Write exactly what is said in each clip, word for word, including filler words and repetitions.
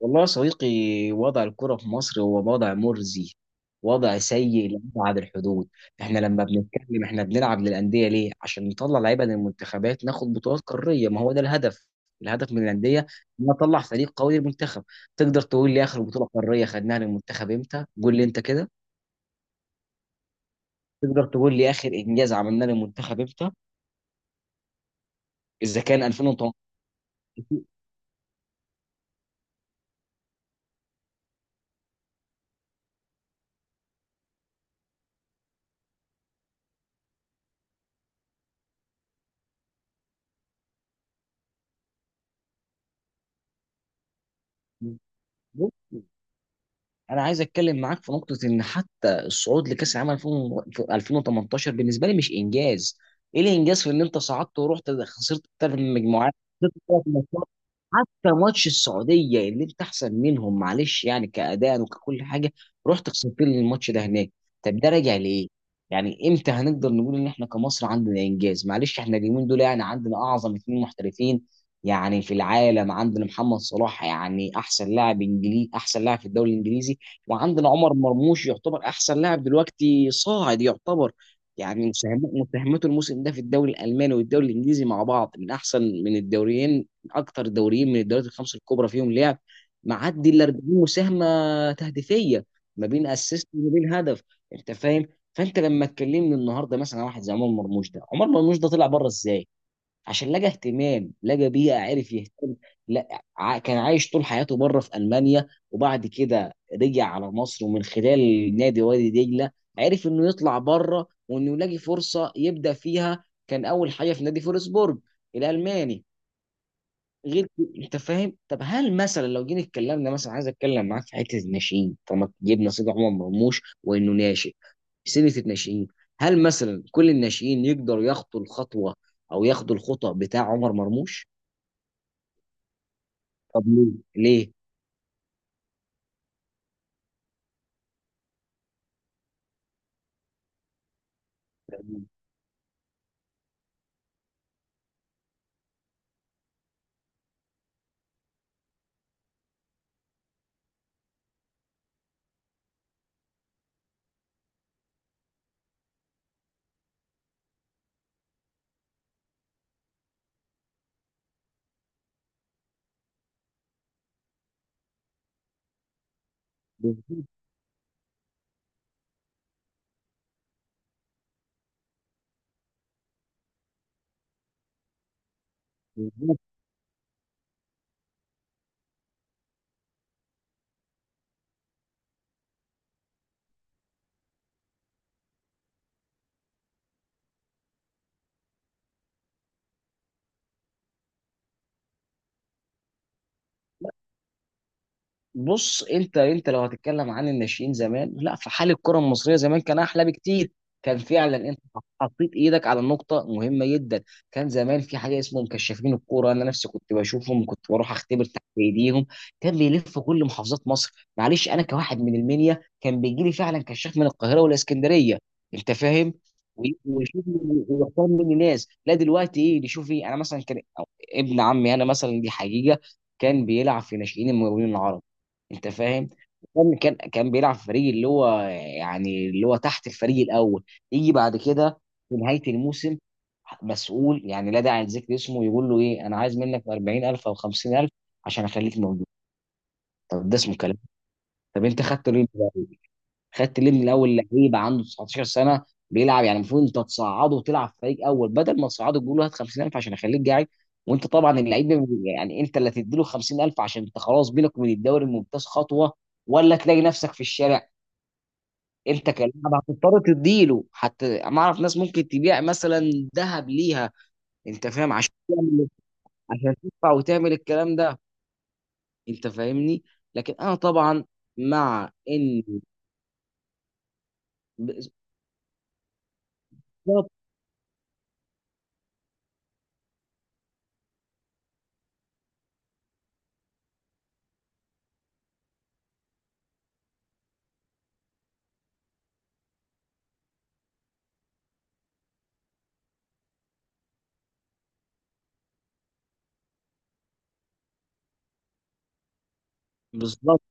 والله يا صديقي، وضع الكرة في مصر هو وضع مرزي. وضع سيء لأبعد الحدود. احنا لما بنتكلم، احنا بنلعب للأندية ليه؟ عشان نطلع لعيبة للمنتخبات، ناخد بطولات قارية. ما هو ده الهدف الهدف من الأندية إن أطلع فريق قوي للمنتخب. تقدر تقول لي آخر بطولة قارية خدناها للمنتخب إمتى؟ قول لي أنت كده. تقدر تقول لي آخر إنجاز عملناه للمنتخب إمتى؟ إذا كان ألفين وتمنتاشر. انا عايز اتكلم معاك في نقطه، ان حتى الصعود لكاس العالم ألفين في ألفين وتمنتاشر بالنسبه لي مش انجاز. ايه الانجاز في ان انت صعدت ورحت خسرت ثلاث مجموعات؟ خسرت ثلاث ماتشات. حتى ماتش السعوديه اللي انت احسن منهم، معلش يعني كاداء وككل حاجه، رحت خسرت لي الماتش ده هناك. طب ده راجع لايه؟ يعني امتى هنقدر نقول ان احنا كمصر عندنا انجاز؟ معلش احنا اليومين دول يعني عندنا اعظم اثنين محترفين يعني في العالم. عندنا محمد صلاح، يعني احسن لاعب انجليزي، احسن لاعب في الدوري الانجليزي. وعندنا عمر مرموش، يعتبر احسن لاعب دلوقتي صاعد يعتبر. يعني مساهمات- مساهمته الموسم ده في الدوري الالماني والدوري الانجليزي مع بعض من احسن من الدوريين، اكتر دوريين من الدوريات الخمسه الكبرى فيهم لعب، معدي ال الأربعين مساهمه تهديفيه ما بين اسيست وما بين هدف. انت فاهم؟ فانت لما تكلمني النهارده مثلا عن واحد زي عمر مرموش ده عمر مرموش ده طلع بره ازاي؟ عشان لقى اهتمام، لقى بيئه، عرف يهتم. لا ع- كان عايش طول حياته بره في المانيا، وبعد كده رجع على مصر، ومن خلال نادي وادي دجله عرف انه يطلع بره وانه يلاقي فرصه يبدا فيها. كان اول حاجه في نادي فولسبورج الالماني. غير كده، انت فاهم. طب هل مثلا لو جينا اتكلمنا، مثلا عايز اتكلم معاك في حته الناشئين، طالما جبنا سيد عمر مرموش وانه ناشئ سنه الناشئين، هل مثلا كل الناشئين يقدروا ياخدوا الخطوه او ياخدوا الخطأ بتاع عمر مرموش؟ طب ليه ليه بص، انت انت لو هتتكلم عن الناشئين زمان، لا، في حال الكره المصريه زمان كان احلى بكتير. كان فعلا انت حطيت ايدك على النقطه مهمه جدا. كان زمان في حاجه اسمه مكشفين الكوره. انا نفسي كنت بشوفهم، كنت بروح اختبر تحت ايديهم. كان بيلف كل محافظات مصر. معلش، انا كواحد من المنيا، كان بيجي لي فعلا كشاف من القاهره والاسكندريه. انت فاهم؟ وي- ويشوف ويختار مني ناس. لا دلوقتي ايه؟ شوفي، انا مثلا كان أو ابن عمي، انا مثلا دي حقيقه، كان بيلعب في ناشئين المقاولين العرب. انت فاهم؟ كان كان كان بيلعب في فريق اللي هو يعني اللي هو تحت الفريق الاول. يجي بعد كده في نهايه الموسم، مسؤول، يعني لا داعي لذكر اسمه، يقول له ايه؟ انا عايز منك أربعين ألف او خمسين ألف عشان اخليك موجود. طب ده اسمه كلام؟ طب انت خدته ليه؟ خدت ليه من الاول؟ لعيب عنده تسعتاشر سنه بيلعب، يعني المفروض انت تصعده وتلعب فريق اول، بدل ما تصعده تقول له هات خمسين ألف عشان اخليك قاعد. وانت طبعا اللعيب، بي- يعني انت اللي تديله خمسين ألف عشان انت خلاص بينك وبين الدوري الممتاز خطوه، ولا تلاقي نفسك في الشارع. انت كلاعب هتضطر تديله. حتى ما اعرف ناس ممكن تبيع مثلا ذهب ليها. انت فاهم؟ عشان عشان تدفع وتعمل الكلام ده. انت فاهمني؟ لكن انا طبعا، مع ان، بالظبط. بالظبط،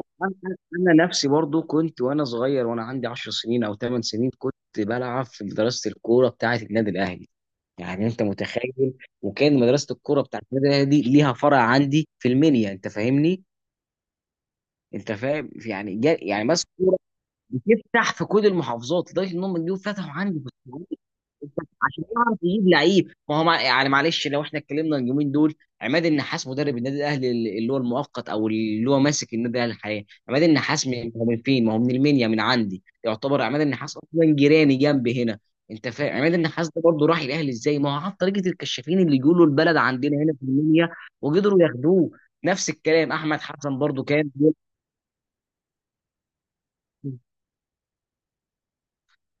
انا أنا- أنا نفسي برضو كنت وانا صغير وانا عندي عشر سنين او تمنية سنين كنت بلعب في مدرسه الكوره بتاعه النادي الاهلي. يعني انت متخيل؟ وكان مدرسه الكوره بتاعه النادي الاهلي دي ليها فرع عندي في المنيا. انت فاهمني؟ انت فاهم، يعني جا يعني ماسك كوره، بتفتح في كل المحافظات، لدرجه ان هم جم فتحوا عندي في الصعيد عشان يعرف يجيب لعيب. ما هو مع... يعني، معلش لو احنا اتكلمنا اليومين دول، عماد النحاس مدرب النادي الاهلي، اللي هو المؤقت او اللي هو ماسك النادي الاهلي حاليا، عماد النحاس من هو؟ من فين؟ ما هو من المنيا، من عندي، يعتبر عماد النحاس اصلا جيراني جنبي هنا. انت فاهم؟ عماد النحاس ده برضه راح الاهلي ازاي؟ ما هو عن طريقه الكشافين اللي يجوا له البلد عندنا هنا في المنيا، وقدروا ياخدوه. نفس الكلام احمد حسن برضه كان.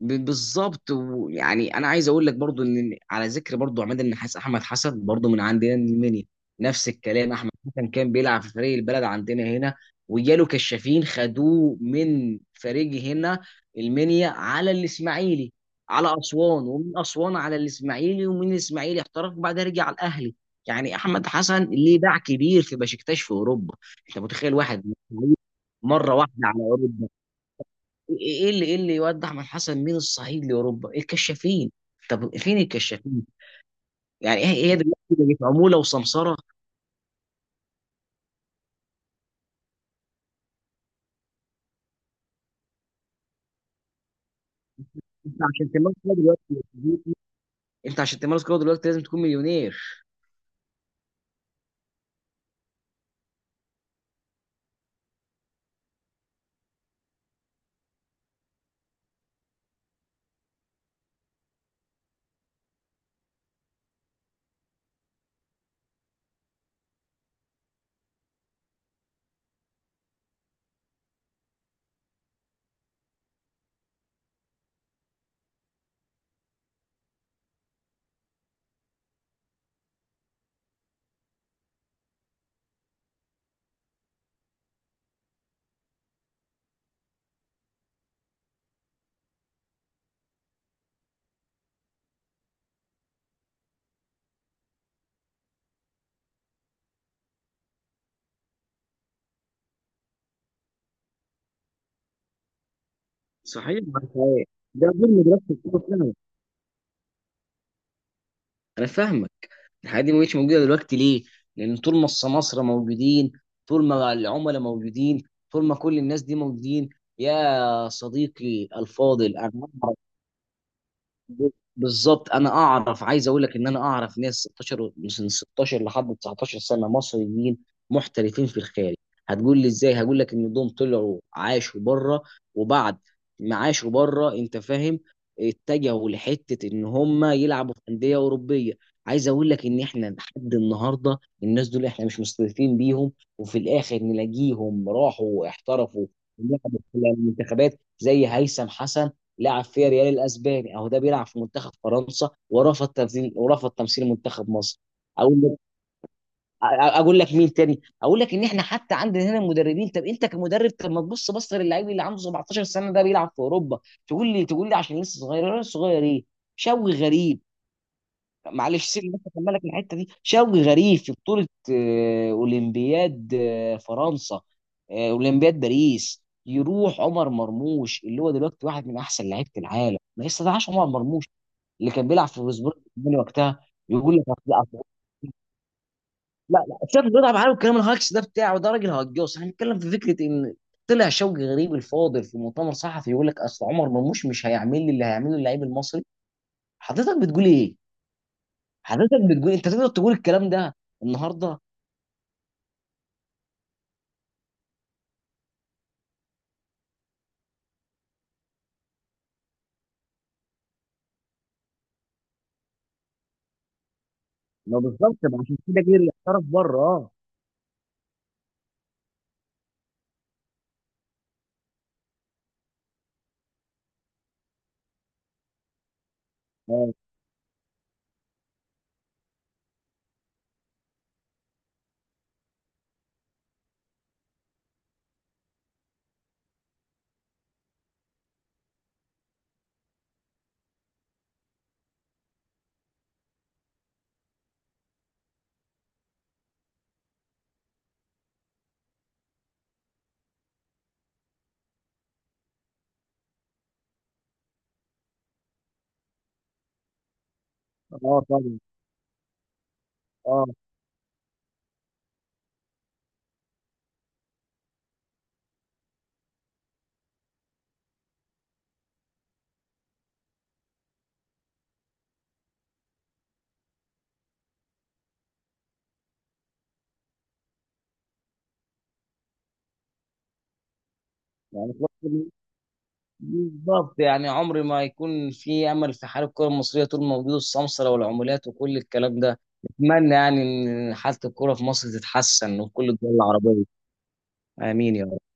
ب- بالظبط. ويعني انا عايز اقول لك برضو، ان على ذكر برضو عماد النحاس، احمد حسن برضو من عندنا من المنيا. نفس الكلام احمد حسن كان بيلعب في فريق البلد عندنا هنا، وجاله كشافين خدوه من فريق هنا المنيا على الاسماعيلي، على اسوان، ومن اسوان على الاسماعيلي، ومن الاسماعيلي احترف، وبعدها رجع على الاهلي. يعني احمد حسن ليه باع كبير في بشكتاش في اوروبا. انت متخيل واحد مره واحده على اوروبا؟ ايه اللي ايه اللي يوضح من حسن مين؟ الصعيد لاوروبا الكشافين. طب فين الكشافين؟ يعني هي هي دلوقتي بقت عموله وسمسره. انت عشان تمارس كده دلوقتي، انت عشان تمارس كده دلوقتي لازم تكون مليونير. صحيح ولا صحيح؟ ده دول مدرسه الكوره فعلا. انا فاهمك. الحاجات دي ما بقتش موجوده دلوقتي ليه؟ لان طول ما السماسره موجودين، طول ما العملاء موجودين، طول ما كل الناس دي موجودين. يا صديقي الفاضل، انا ب- بالظبط. انا اعرف، عايز اقول لك ان انا اعرف ناس ستاشر من ستاشر لحد تسعتاشر سنه، مصريين، محترفين في الخارج. هتقول لي ازاي؟ هقول لك ان دول طلعوا عاشوا بره، وبعد ما عاشوا بره، انت فاهم، اتجهوا لحته ان هم يلعبوا في انديه اوروبيه. عايز اقول لك ان احنا لحد النهارده الناس دول احنا مش مستضيفين بيهم، وفي الاخر نلاقيهم راحوا احترفوا ولعبوا في المنتخبات، زي هيثم حسن. لعب في ريال الاسباني، اهو ده بيلعب في منتخب فرنسا، ورفض تمثيل ورفض تمثيل منتخب مصر. اقول لك اقول لك مين تاني. اقول لك ان احنا حتى عندنا هنا مدربين. طب انت كمدرب، طب ما تبص، بص للعيب اللي عنده سبعتاشر سنه ده بيلعب في اوروبا. تقول لي تقول لي عشان لسه صغير، أنا صغير ايه؟ شوي غريب، معلش سيب بس اكملك الحته دي. شوقي غريب في بطوله آه، اولمبياد آه، فرنسا، آه، اولمبياد باريس، يروح عمر مرموش اللي هو دلوقتي واحد من احسن لعيبه العالم، ما يستدعاش عمر مرموش اللي كان بيلعب في فوسبورج الألماني وقتها. يقول لك أصل- أصل- لا لا، شاف بيلعب معاه، والكلام الهاكس ده بتاعه، ده راجل هجوس. احنا بنتكلم في فكره، ان طلع شوقي غريب الفاضل في مؤتمر صحفي يقول لك اصل عمر مرموش مش هيعمل لي اللي هيعمله اللعيب المصري. حضرتك بتقول ايه؟ حضرتك بتقول انت تقدر تقول الكلام ده النهارده؟ ما بالظبط، ما عشان كده جيل احترف بره. اه. اه آه طبعا. اه. يعني خلاص. بالظبط. يعني عمري ما يكون في امل في حال الكره المصريه طول ما موجود السمسره والعمولات وكل الكلام ده. اتمنى يعني ان حاله الكره في مصر تتحسن، وكل الدول العربيه. امين يا